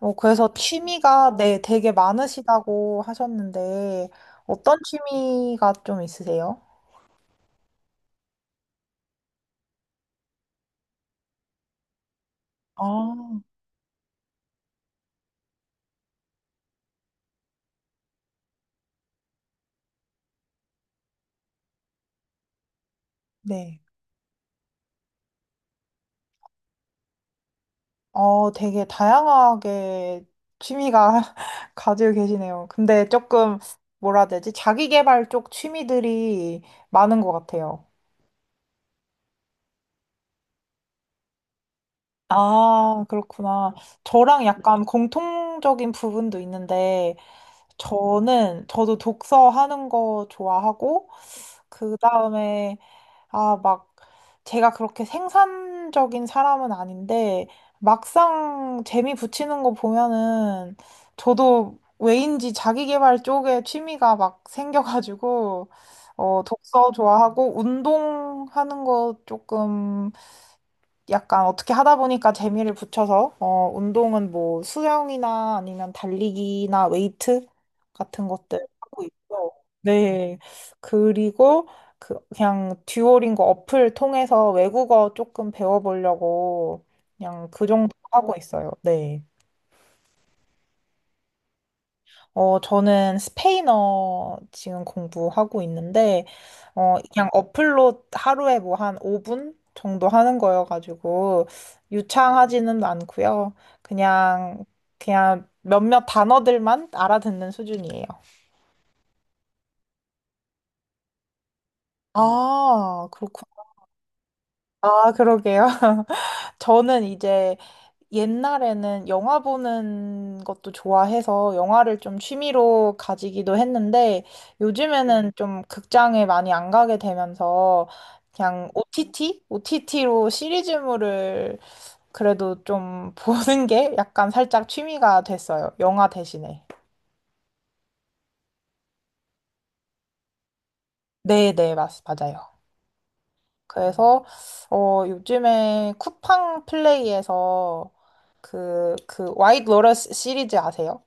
그래서 취미가 네, 되게 많으시다고 하셨는데, 어떤 취미가 좀 있으세요? 아, 네. 되게 다양하게 취미가 가지고 계시네요. 근데 조금, 뭐라 해야 되지? 자기 개발 쪽 취미들이 많은 것 같아요. 아, 그렇구나. 저랑 약간 공통적인 부분도 있는데, 저도 독서하는 거 좋아하고, 그 다음에 막, 제가 그렇게 생산적인 사람은 아닌데, 막상 재미 붙이는 거 보면은, 저도 왜인지 자기계발 쪽에 취미가 막 생겨가지고, 독서 좋아하고, 운동하는 거 조금 약간 어떻게 하다 보니까 재미를 붙여서, 운동은 뭐 수영이나 아니면 달리기나 웨이트 같은 것들 하고 있고, 네. 그리고 그냥 듀오링고 어플 통해서 외국어 조금 배워보려고 그냥 그 정도 하고 있어요. 네. 저는 스페인어 지금 공부하고 있는데, 그냥 어플로 하루에 뭐 한 5분 정도 하는 거여가지고, 유창하지는 않고요. 그냥, 그냥 몇몇 단어들만 알아듣는 수준이에요. 아, 그렇구나. 아, 그러게요. 저는 이제 옛날에는 영화 보는 것도 좋아해서 영화를 좀 취미로 가지기도 했는데 요즘에는 좀 극장에 많이 안 가게 되면서 그냥 OTT? OTT로 시리즈물을 그래도 좀 보는 게 약간 살짝 취미가 됐어요. 영화 대신에. 네, 네, 맞아요. 그래서 요즘에 쿠팡 플레이에서 그 와이드 로러스 시리즈 아세요?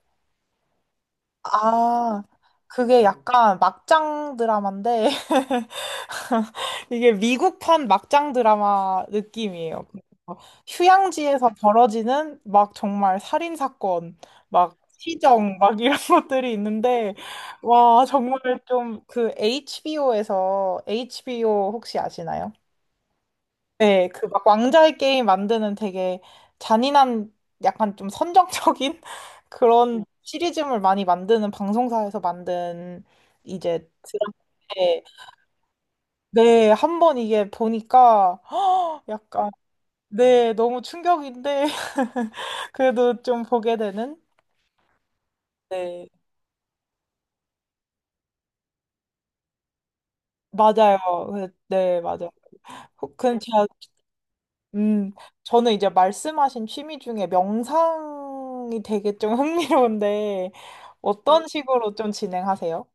아, 그게 약간 막장 드라마인데, 이게 미국판 막장 드라마 느낌이에요. 그래서 휴양지에서 벌어지는 막 정말 살인 사건, 막 시정, 막 이런 것들이 있는데, 와, 정말 좀 그 HBO에서, HBO 혹시 아시나요? 네, 그 막 왕자의 게임 만드는 되게 잔인한 약간 좀 선정적인 그런 시리즈물 많이 만드는 방송사에서 만든 이제 드라마인데 네, 한번 이게 보니까 약간 네, 너무 충격인데 그래도 좀 보게 되는 네, 맞아요. 네, 맞아요. 근데 제가 음, 저는 이제 말씀하신 취미 중에 명상이 되게 좀 흥미로운데, 어떤 식으로 좀 진행하세요?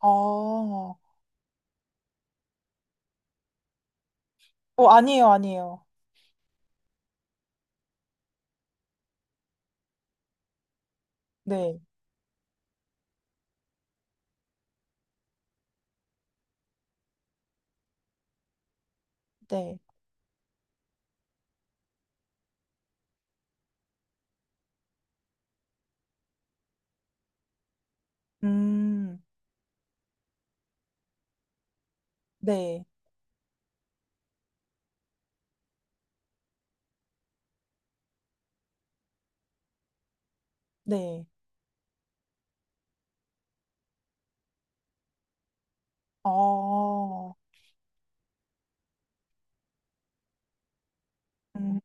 아, 아니에요, 아니에요. 네, 네. 음, 네, 네. 어, 음,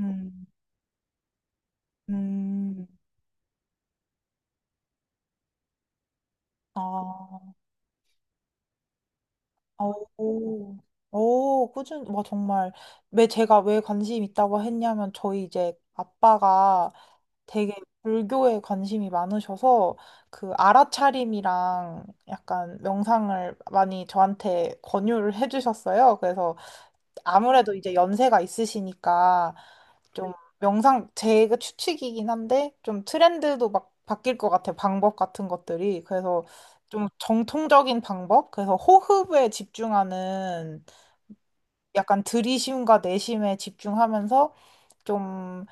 음, 음, 아. 오, 오, 꾸준, 와, 정말. 왜 제가 왜 관심 있다고 했냐면, 저희 이제 아빠가 되게 불교에 관심이 많으셔서, 그 알아차림이랑 약간 명상을 많이 저한테 권유를 해주셨어요. 그래서 아무래도 이제 연세가 있으시니까 좀 명상 제가 추측이긴 한데 좀 트렌드도 막 바뀔 것 같아요. 방법 같은 것들이. 그래서 좀 정통적인 방법? 그래서 호흡에 집중하는 약간 들이쉼과 내쉼에 집중하면서 좀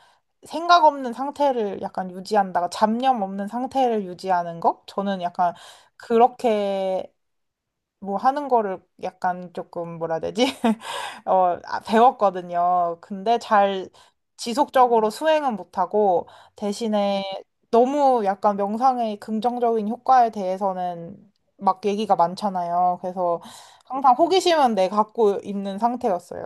생각 없는 상태를 약간 유지한다가 잡념 없는 상태를 유지하는 거? 저는 약간 그렇게 뭐 하는 거를 약간 조금 뭐라 해야 되지? 배웠거든요. 근데 잘 지속적으로 수행은 못하고 대신에 너무 약간 명상의 긍정적인 효과에 대해서는 막 얘기가 많잖아요. 그래서 항상 호기심은 내 갖고 있는 상태였어요.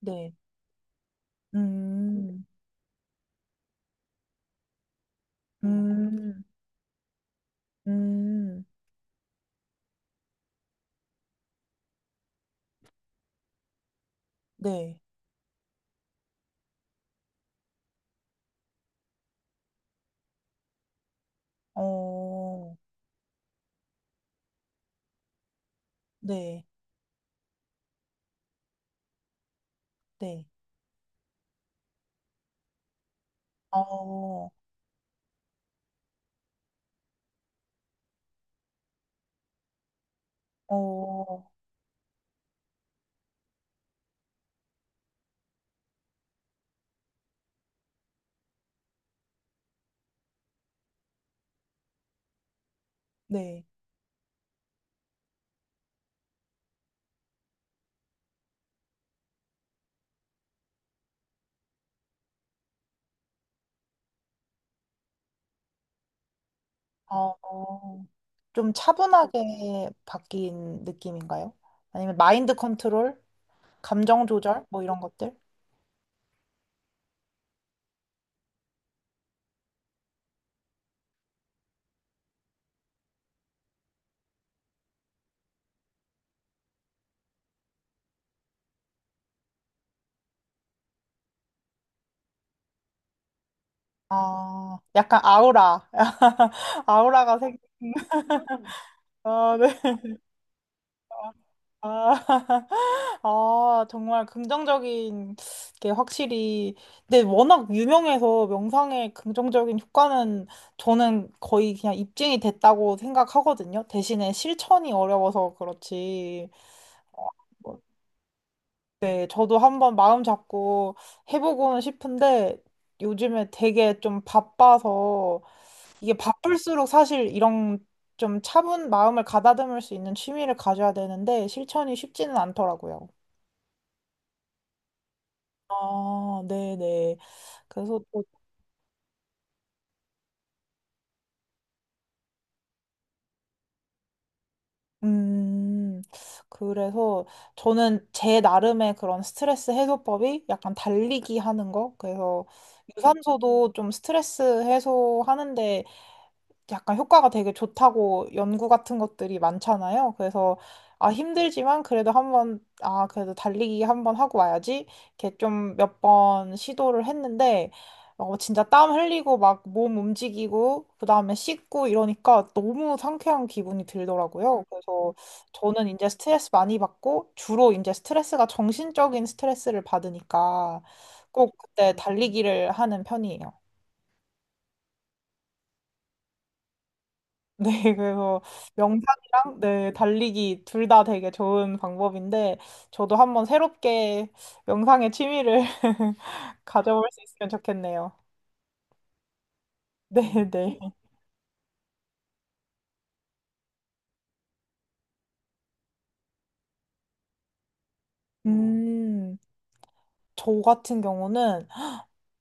네. 음, 음, 음, 네. 어, 네, 네. 어, 어, 네. 어. 좀 차분하게 바뀐 느낌인가요? 아니면 마인드 컨트롤, 감정 조절, 뭐 이런 것들? 아, 약간 아우라. 아우라가 생긴. 아, 네. 아, 아, 정말 긍정적인 게 확실히. 근데 워낙 유명해서 명상의 긍정적인 효과는 저는 거의 그냥 입증이 됐다고 생각하거든요. 대신에 실천이 어려워서 그렇지. 어, 네, 저도 한번 마음 잡고 해보고는 싶은데 요즘에 되게 좀 바빠서 이게 바쁠수록 사실 이런 좀 차분 마음을 가다듬을 수 있는 취미를 가져야 되는데 실천이 쉽지는 않더라고요. 아, 네네. 그래서 또, 음, 그래서 저는 제 나름의 그런 스트레스 해소법이 약간 달리기 하는 거. 그래서 유산소도 좀 스트레스 해소하는데 약간 효과가 되게 좋다고 연구 같은 것들이 많잖아요. 그래서 힘들지만 그래도 한번 그래도 달리기 한번 하고 와야지 이렇게 좀 몇 번 시도를 했는데 진짜 땀 흘리고 막 몸 움직이고 그다음에 씻고 이러니까 너무 상쾌한 기분이 들더라고요. 그래서 저는 이제 스트레스 많이 받고 주로 이제 스트레스가 정신적인 스트레스를 받으니까 꼭 그때 달리기를 하는 편이에요. 네, 그래서 명상이랑 네, 달리기 둘 다 되게 좋은 방법인데 저도 한번 새롭게 명상의 취미를 가져볼 수 있으면 좋겠네요. 네, 네. 음, 저 같은 경우는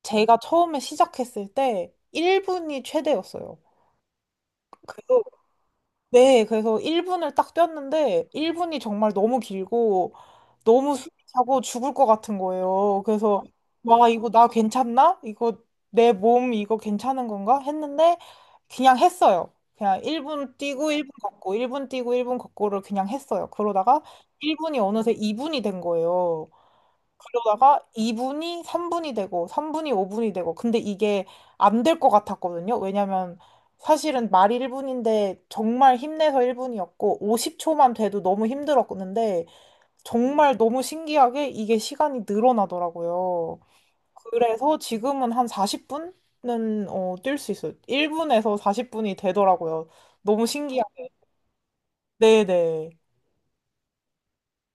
제가 처음에 시작했을 때 1분이 최대였어요. 네, 그래서 1분을 딱 뛰었는데 1분이 정말 너무 길고 너무 숨이 차고 죽을 것 같은 거예요. 그래서 와, 이거 나 괜찮나? 이거 내 몸 이거 괜찮은 건가? 했는데 그냥 했어요. 그냥 1분 뛰고 1분 걷고 1분 뛰고 1분 걷고를 그냥 했어요. 그러다가 1분이 어느새 2분이 된 거예요. 그러다가 2분이 3분이 되고 3분이 5분이 되고 근데 이게 안 될 것 같았거든요. 왜냐면 사실은 말이 1분인데 정말 힘내서 1분이었고 50초만 돼도 너무 힘들었는데 정말 너무 신기하게 이게 시간이 늘어나더라고요. 그래서 지금은 한 40분은 뛸 수 있어요. 1분에서 40분이 되더라고요. 너무 신기하 네네.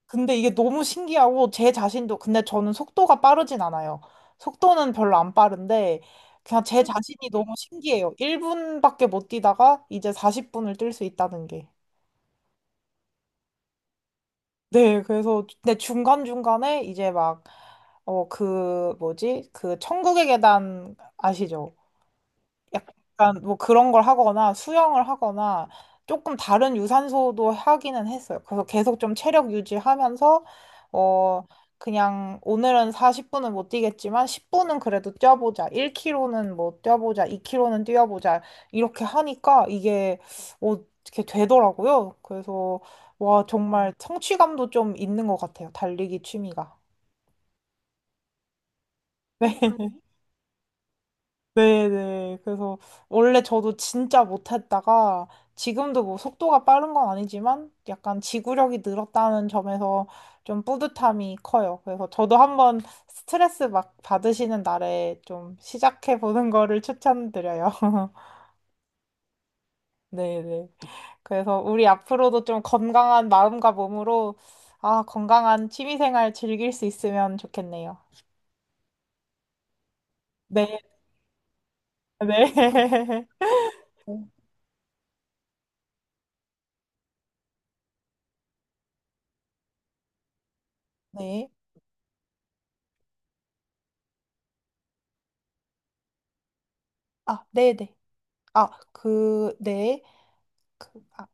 근데 이게 너무 신기하고 제 자신도 근데 저는 속도가 빠르진 않아요. 속도는 별로 안 빠른데 그냥 제 자신이 너무 신기해요. 1분밖에 못 뛰다가 이제 40분을 뛸 수 있다는 게. 네, 그래서 근데 중간중간에 이제 막 그 뭐지? 그 천국의 계단 아시죠? 약간 뭐 그런 걸 하거나 수영을 하거나 조금 다른 유산소도 하기는 했어요. 그래서 계속 좀 체력 유지하면서 어 그냥 오늘은 40분은 못 뛰겠지만 10분은 그래도 뛰어보자. 1km는 뭐 뛰어보자. 2km는 뛰어보자. 이렇게 하니까 이게 어 이렇게 되더라고요. 그래서 와 정말 성취감도 좀 있는 것 같아요. 달리기 취미가. 네. 네네. 그래서 원래 저도 진짜 못했다가 지금도 뭐 속도가 빠른 건 아니지만 약간 지구력이 늘었다는 점에서 좀 뿌듯함이 커요. 그래서 저도 한번 스트레스 막 받으시는 날에 좀 시작해 보는 거를 추천드려요. 네네. 그래서 우리 앞으로도 좀 건강한 마음과 몸으로 아, 건강한 취미생활 즐길 수 있으면 좋겠네요. 네, 네. 네. 아, 네네. 아, 그, 네. 그, 아,